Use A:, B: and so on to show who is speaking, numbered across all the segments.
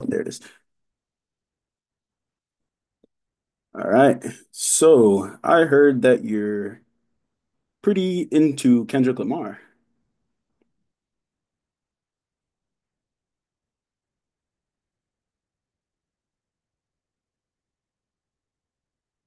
A: Oh, there it is. All right. So I heard that you're pretty into Kendrick Lamar.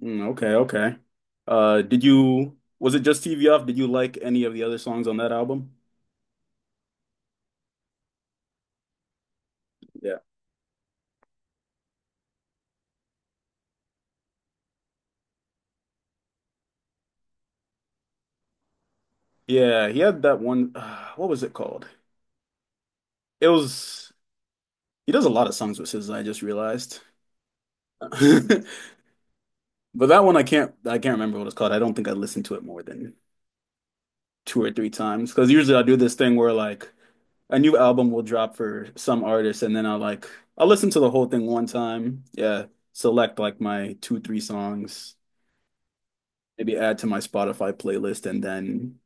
A: Mm, okay, okay. Was it just TV Off? Did you like any of the other songs on that album? Yeah. Yeah, he had that one. What was it called? It was, he does a lot of songs with SZA, I just realized. But that one I can't remember what it's called. I don't think I listened to it more than 2 or 3 times because usually I do this thing where like a new album will drop for some artist and then I'll listen to the whole thing one time. Yeah, select like my two, three songs, maybe add to my Spotify playlist and then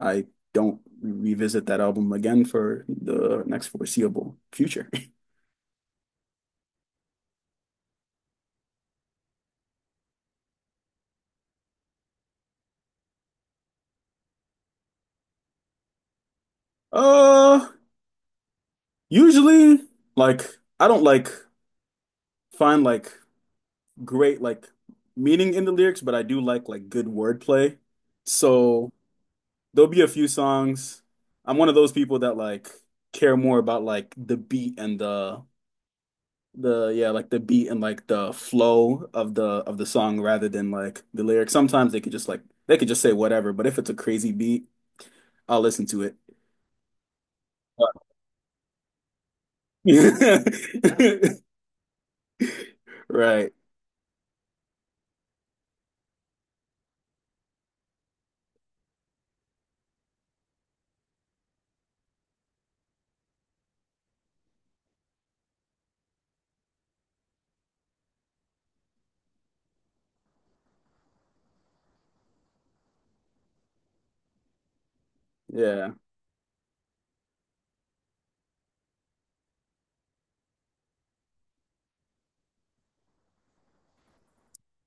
A: I don't revisit that album again for the next foreseeable future. Uh, usually like I don't like find like great like meaning in the lyrics, but I do like good wordplay. So there'll be a few songs. I'm one of those people that like care more about like the beat and the yeah, like the beat and like the flow of the song rather than like the lyrics. Sometimes they could just say whatever, but if it's a crazy beat, I'll listen to it. Right. Yeah.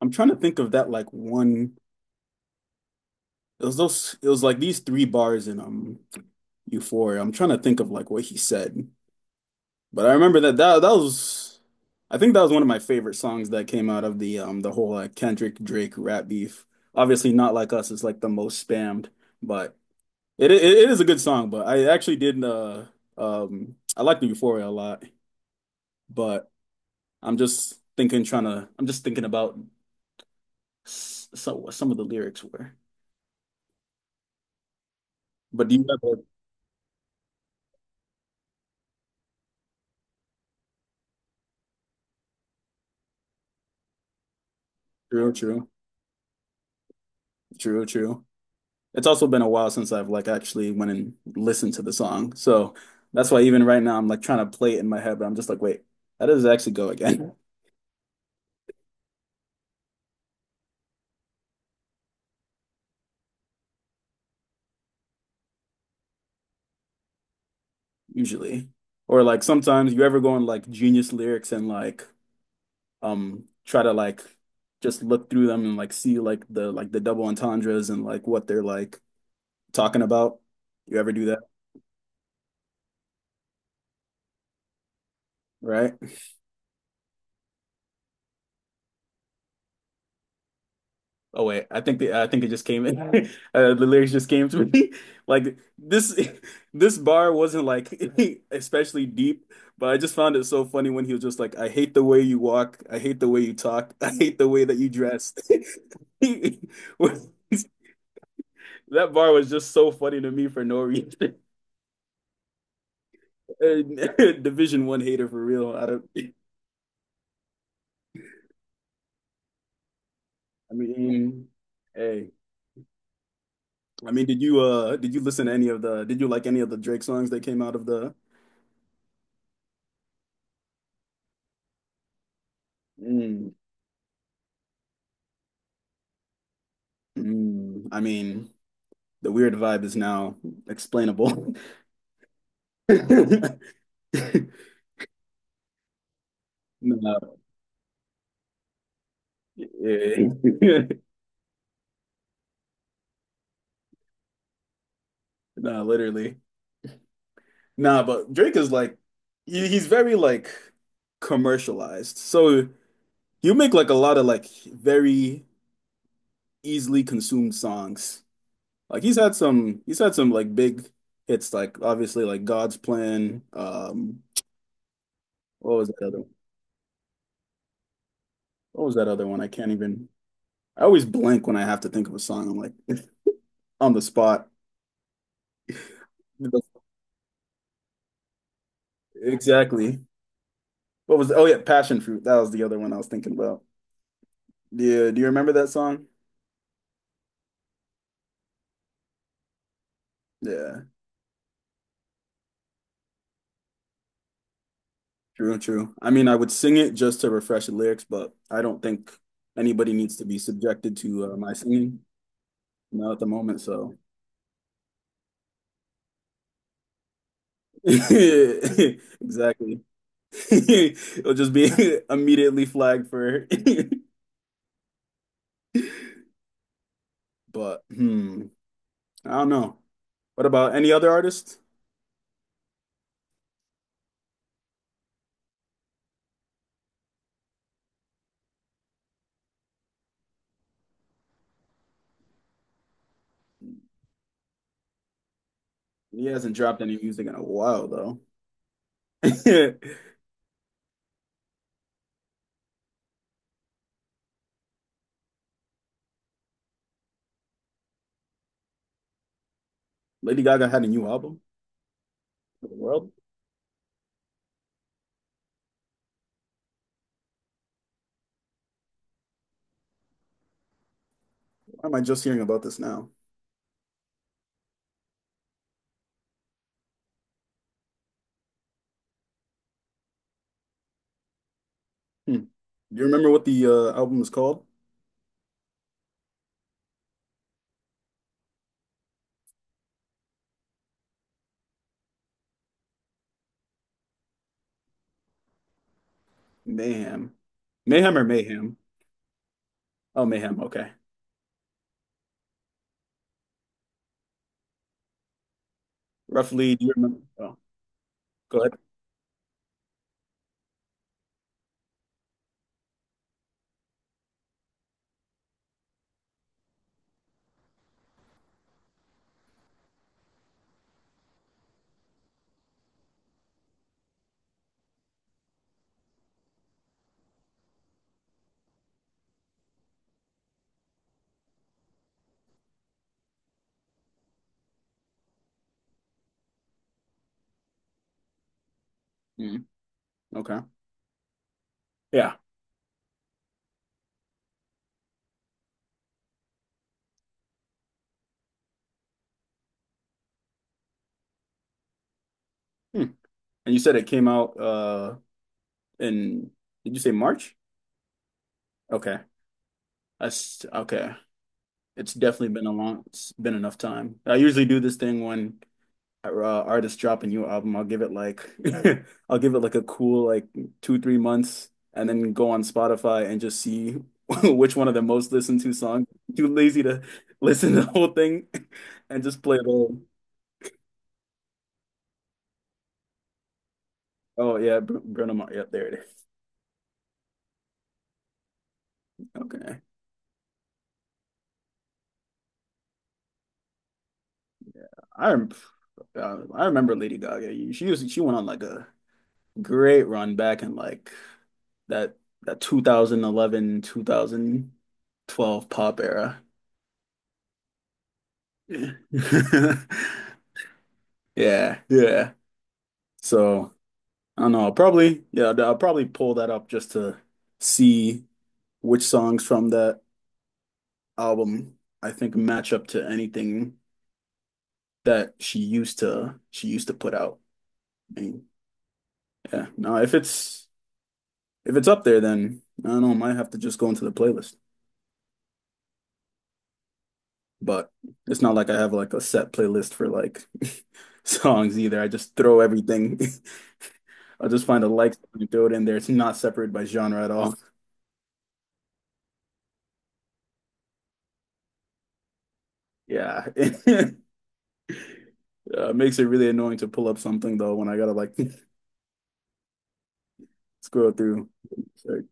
A: I'm trying to think of that like one it was like these three bars in Euphoria. I'm trying to think of like what he said. But I remember that was I think that was one of my favorite songs that came out of the whole like Kendrick Drake rap beef. Obviously Not Like Us is like the most spammed, but it is a good song, but I actually did I liked Euphoria a lot, but I'm just thinking about so what some of the lyrics were. But do you have a true, true, true, true. It's also been a while since I've like actually went and listened to the song. So that's why even right now I'm like trying to play it in my head, but I'm just like, wait, how does it actually go again? Usually. Or like sometimes you ever go on like Genius lyrics and like try to like just look through them and like see like the double entendres and like what they're like talking about. You ever do that, right? Oh wait, I think it just came in. The lyrics just came to me. Like this this bar wasn't like especially deep, but I just found it so funny when he was just like, "I hate the way you walk. I hate the way you talk. I hate the way that you dress." That bar was just so funny to me for no reason. And Division 1 hater for real. I don't. I mean, hey, I mean, did you listen to any of the did you like any of the Drake songs that came out of the? Mm. Mm, I mean, the weird vibe is now explainable. No, yeah. No, literally. Nah, but Drake is like he's very like commercialized. So you make like a lot of like very easily consumed songs. Like he's had some like big hits like obviously like God's Plan. What was that other one? I can't even I always blank when I have to think of a song. I'm like on the spot. Exactly. What was, oh yeah, passion fruit. That was the other one I was thinking about. Yeah, do you remember that song? Yeah, true, true. I mean, I would sing it just to refresh the lyrics, but I don't think anybody needs to be subjected to my singing now at the moment, so exactly. It'll just be immediately flagged for but I don't know. What about any other artist? He hasn't dropped any music in a while though. Lady Gaga had a new album for the world. Why am I just hearing about this now? Hmm. Do you remember what the album was called? Mayhem. Mayhem or Mayhem? Oh, Mayhem. Okay. Roughly, do you remember? Oh, go ahead. Mhm. Okay. Yeah. Hmm. And you said it came out in, did you say March? Okay. That's okay. It's definitely it's been enough time. I usually do this thing when uh, artist drop a new album, I'll give it like I'll give it like a cool like two, three months and then go on Spotify and just see which one of the most listened to songs. Too lazy to listen to the whole thing and just play it all. Oh yeah, Br Bruno Mars. Yep, there it is. Okay. I rem- I remember Lady Gaga. She went on like a great run back in like that that 2011 2012 pop era. Yeah. Yeah, yeah. So I don't know. I'll probably yeah, I'll probably pull that up just to see which songs from that album I think match up to anything that she used to put out. I mean, yeah. No, if it's up there, then I don't know. I might have to just go into the playlist. But it's not like I have like a set playlist for like songs either. I just throw everything. I'll just find a like and throw it in there. It's not separated by genre at all. Yeah. Makes it really annoying to pull up something though when I gotta like scroll through. It's like-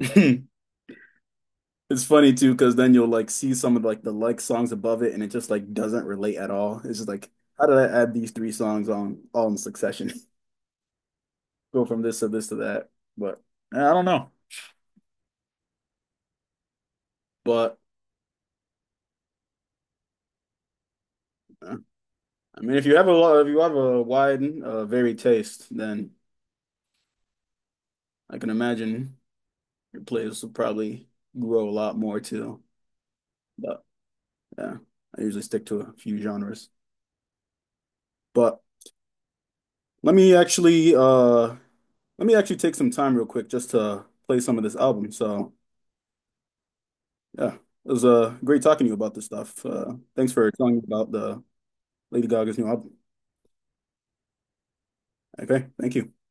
A: it's funny too because then you'll like see some of like the like songs above it and it just like doesn't relate at all. It's just like how did I add these three songs on all in succession? Go from this to this to that, but I don't know. But uh, I mean, if you have a wide, varied taste, then I can imagine your playlist will probably grow a lot more too. But yeah, I usually stick to a few genres, but. Let me actually uh let me actually take some time real quick just to play some of this album. So yeah, it was great talking to you about this stuff. Thanks for telling me about the Lady Gaga's new album. Okay, thank you.